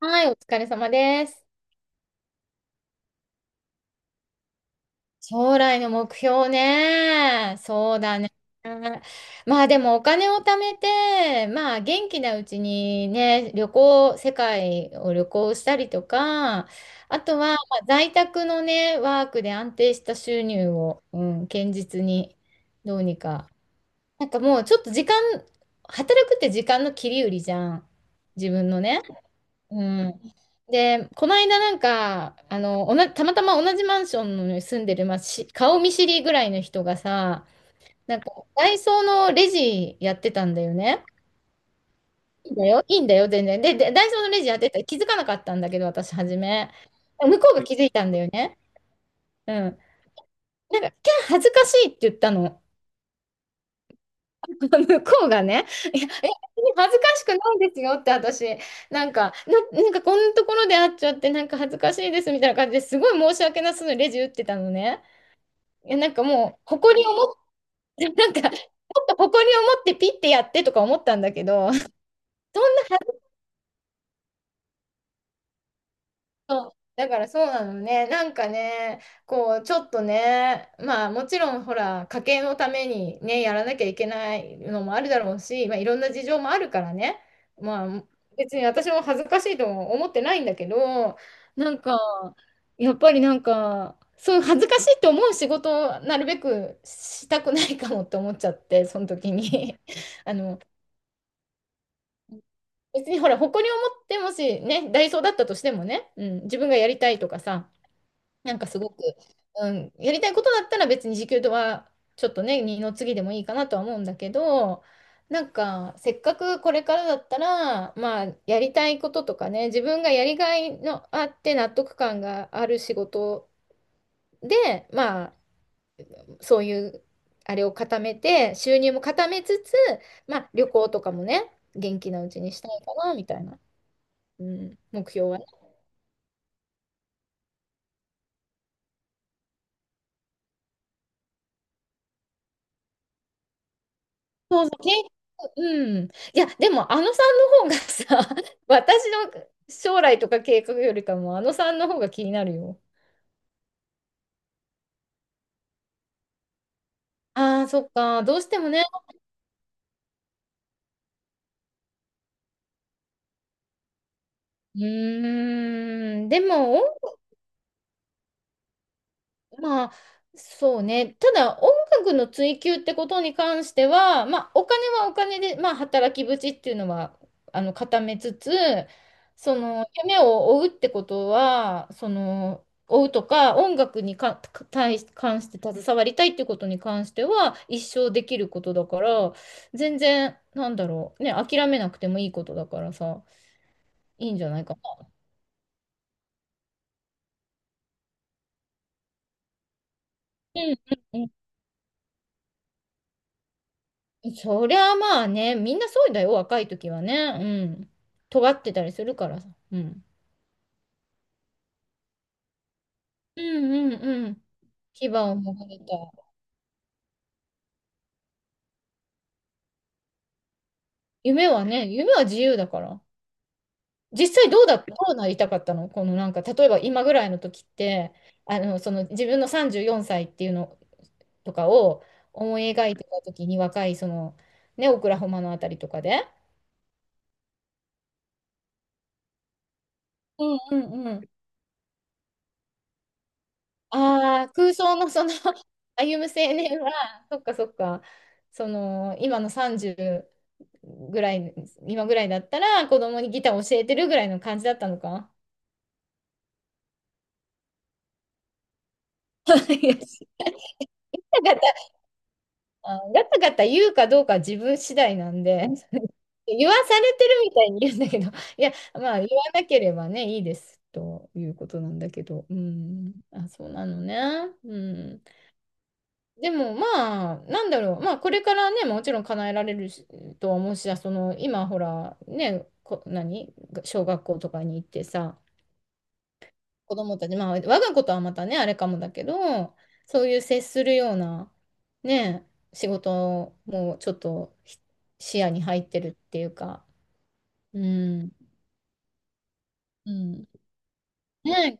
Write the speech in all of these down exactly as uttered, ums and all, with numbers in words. はい、お疲れ様です。将来の目標ね。そうだね。まあでもお金を貯めて、まあ元気なうちにね、旅行、世界を旅行したりとか、あとはまあ在宅のね、ワークで安定した収入を、うん、堅実にどうにか。なんかもうちょっと時間、働くって時間の切り売りじゃん。自分のね。うん。で、この間なんか、あの、おな、たまたま同じマンションに住んでる、まあ、し、顔見知りぐらいの人がさ、なんか、ダイソーのレジやってたんだよね。いいんだよ、いいんだよ、全然。で、でダイソーのレジやってた、気づかなかったんだけど、私、初め。向こうが気づいたんだよね。うん。なんか、キャー恥ずかしいって言ったの。向こうがね、いや、え、恥ずかしくないですよって私、なんか、な、なんかこんなところで会っちゃって、なんか恥ずかしいですみたいな感じですごい申し訳なさそうにレジ打ってたのね。いやなんかもう、誇りを持って、なんか、ちょっと誇りを持ってピッてやってとか思ったんだけど、そんな恥ずかそうだからそうなのね。なんかね、こう、ちょっとね、まあもちろんほら、家計のためにね、やらなきゃいけないのもあるだろうし、まあいろんな事情もあるからね、まあ別に私も恥ずかしいとも思ってないんだけど、なんか、やっぱりなんか、そう恥ずかしいと思う仕事をなるべくしたくないかもって思っちゃって、その時に。あの、別にほら、誇りを持ってもしね、ダイソーだったとしてもね、うん、自分がやりたいとかさ、なんかすごく、うん、やりたいことだったら別に時給とはちょっとね、二の次でもいいかなとは思うんだけど、なんかせっかくこれからだったら、まあやりたいこととかね、自分がやりがいのあって納得感がある仕事で、まあそういうあれを固めて、収入も固めつつ、まあ旅行とかもね、元気なうちにしたいかなみたいな、うん、目標はね。そうそう、経うん。いや、でも、あのさんの方がさ、私の将来とか計画よりかも、あのさんの方が気になるよ。ああ、そっか。どうしてもね。うーん。でも、音まあ、そうね。ただ、音楽の追求ってことに関しては、まあ、お金はお金で、まあ、働き口っていうのは、あの、固めつつ、その、夢を追うってことは、その、追うとか、音楽にか、か対し、関して携わりたいってことに関しては、一生できることだから、全然、なんだろう、ね、諦めなくてもいいことだからさ、いいんじゃないかな。うんうん、そりゃまあね、みんなそうだよ、若い時はね。うん。尖ってたりするからさ。うん。うんうんうん。牙をもがれた。夢はね、夢は自由だから。実際どうだ、どうなりたかったのこのなんか、例えば今ぐらいの時って、あの、その自分のさんじゅうよんさいっていうのとかを思い描いてた時に若い、その、ね、オクラホマのあたりとかで。うんうん、ああ、空想のその 歩む青年は、そっかそっか、その今のさんじゅうぐらい、今ぐらいだったら子供にギター教えてるぐらいの感じだったのか。いやガタガタ、あーガタガタ言うかどうかは自分次第なんで、言わされてるみたいに言うんだけど、いや、まあ言わなければね、いいですということなんだけど、うん、あ、そうなのね。うん。でもまあ、なんだろう、まあこれからね、もちろん叶えられるしとは思うしさ、あその今ほら、ね、こ、何、小学校とかに行ってさ、子供たち、まあ我が子とはまたね、あれかもだけど、そういう接するような、ね、仕事もちょっとひ視野に入ってるっていうか、うん、うん。ね、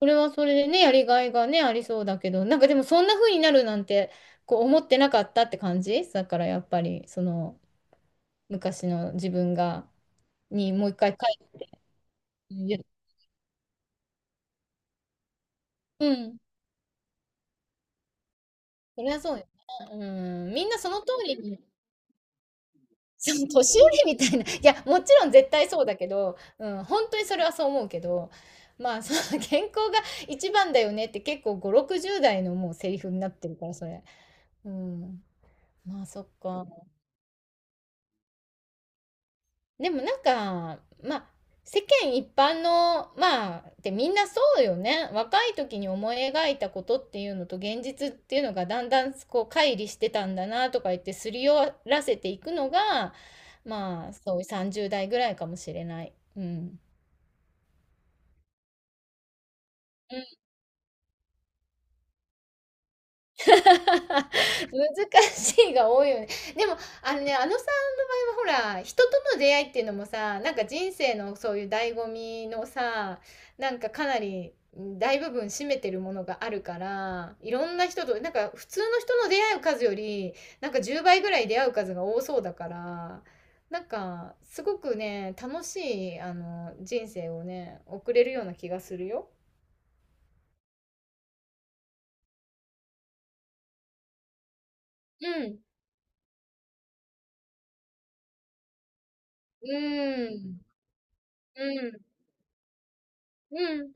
それはそれでね、やりがいがね、ありそうだけど、なんかでもそんな風になるなんて、こう思ってなかったって感じだからやっぱり、その、昔の自分が、にもう一回書いて、うん、そりゃそうよね。うん、みんなその通りに、その年寄りみたいな、いや、もちろん絶対そうだけど、うん、本当にそれはそう思うけど、まあ、その健康が一番だよねって結構ご、ろくじゅうだい代のもうセリフになってるから、それ。うん、まあ、そっか。でもなんか、まあ、世間一般の、まあ、ってみんなそうよね。若い時に思い描いたことっていうのと現実っていうのがだんだんこう乖離してたんだなとか言ってすり寄らせていくのが、まあ、そういうさんじゅうだい代ぐらいかもしれない。うん。難しいが多いよね。でも、あのね、あのさんの場合はほら、人との出会いっていうのもさ、なんか人生のそういう醍醐味のさ、なんかかなり大部分占めてるものがあるから、いろんな人と、なんか普通の人の出会う数より、なんかじゅうばいぐらい出会う数が多そうだから、なんかすごくね、楽しい、あの、人生をね、送れるような気がするよ。うん、うん、うん、うん、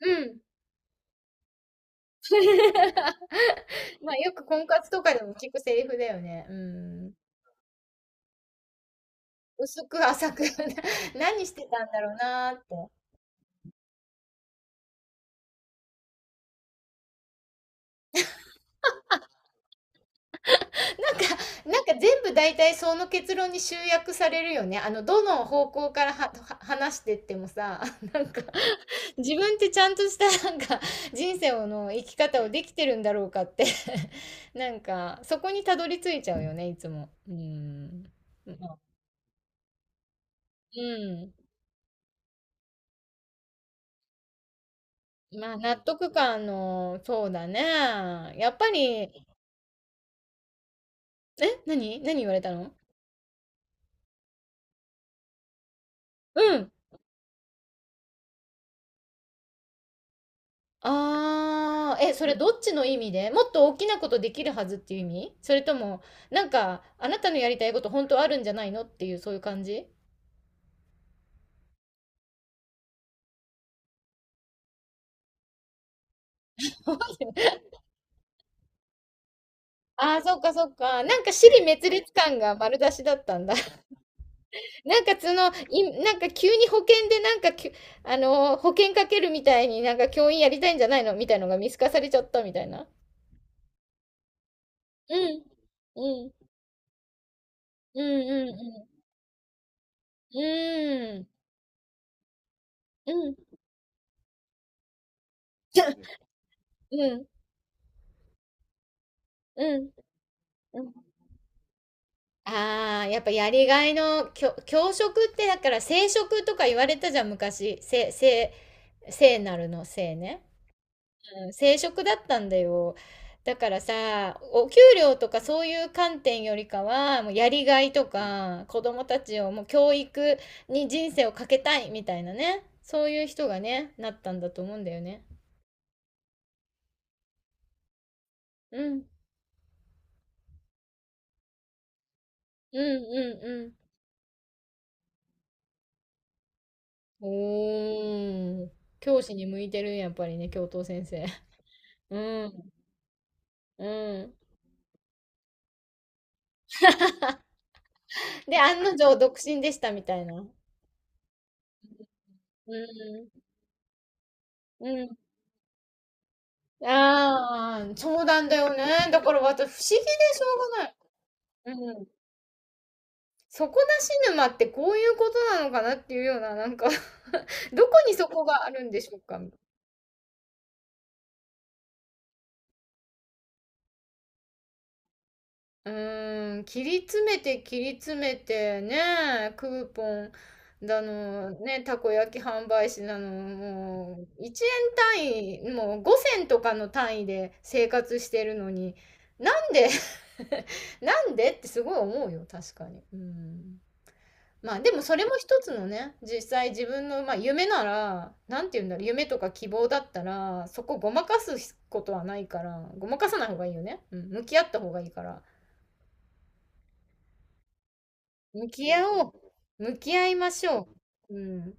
うん。まあ、よく婚活とかでも聞くセリフだよね。うん。薄く浅く 何してたんだろうなーって。なんか全部大体その結論に集約されるよね。あの、どの方向からはは話してってもさ、なんか自分ってちゃんとしたなんか人生の生き方をできてるんだろうかって なんかそこにたどり着いちゃうよね、いつも。うん。まあ、うん。まあ、納得感の、そうだね。やっぱり、え、何何言われたの？うん。あー、え、それどっちの意味？でもっと大きなことできるはずっていう意味？それとも、なんか、あなたのやりたいこと本当あるんじゃないのっていう、そういう感じ？ ああ、そっかそっか。なんか支離滅裂感が丸出しだったんだ。なんかその、い、なんか急に保険でなんかきゅ、あのー、保険かけるみたいになんか教員やりたいんじゃないのみたいのが見透かされちゃったみたいな。うん。うん。うんうんうん。うーん。うん。うん。うん。うん。ああ、やっぱやりがいの、教教職ってだから正職とか言われたじゃん、昔。せ、せ、聖なるの聖ね。うん、正職だったんだよ。だからさ、お給料とかそういう観点よりかは、もうやりがいとか、子供たちをもう教育に人生をかけたいみたいなね。そういう人がね、なったんだと思うんだよね。うん。うんうんうん。おー。教師に向いてるんやっぱりね、教頭先生。うん。うん。で、案の定独身でしたみたいな。うん。うん。ああ、そうなんだよね。だから私不思議でしょうがない。うん。底なし沼ってこういうことなのかなっていうような、なんか どこにそこがあるんでしょうか？うーん、切り詰めて切り詰めてね、クーポンだの、ね、たこ焼き販売士なの、もういちえん単位、もうご銭とかの単位で生活してるのに、なんで？ なんでってすごい思うよ、確かに。うん。まあでもそれも一つのね、実際自分の、まあ、夢なら、なんて言うんだろう、夢とか希望だったら、そこごまかすことはないから、ごまかさない方がいいよね。うん、向き合った方がいいから。向き合おう。向き合いましょう。うん。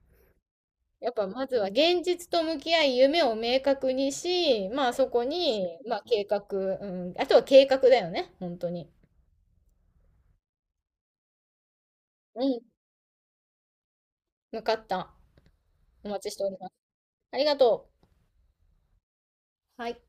やっぱまずは現実と向き合い、夢を明確にし、まあそこに、まあ計画、うん。あとは計画だよね、本当に。うん。分かった。お待ちしております。ありがとう。はい。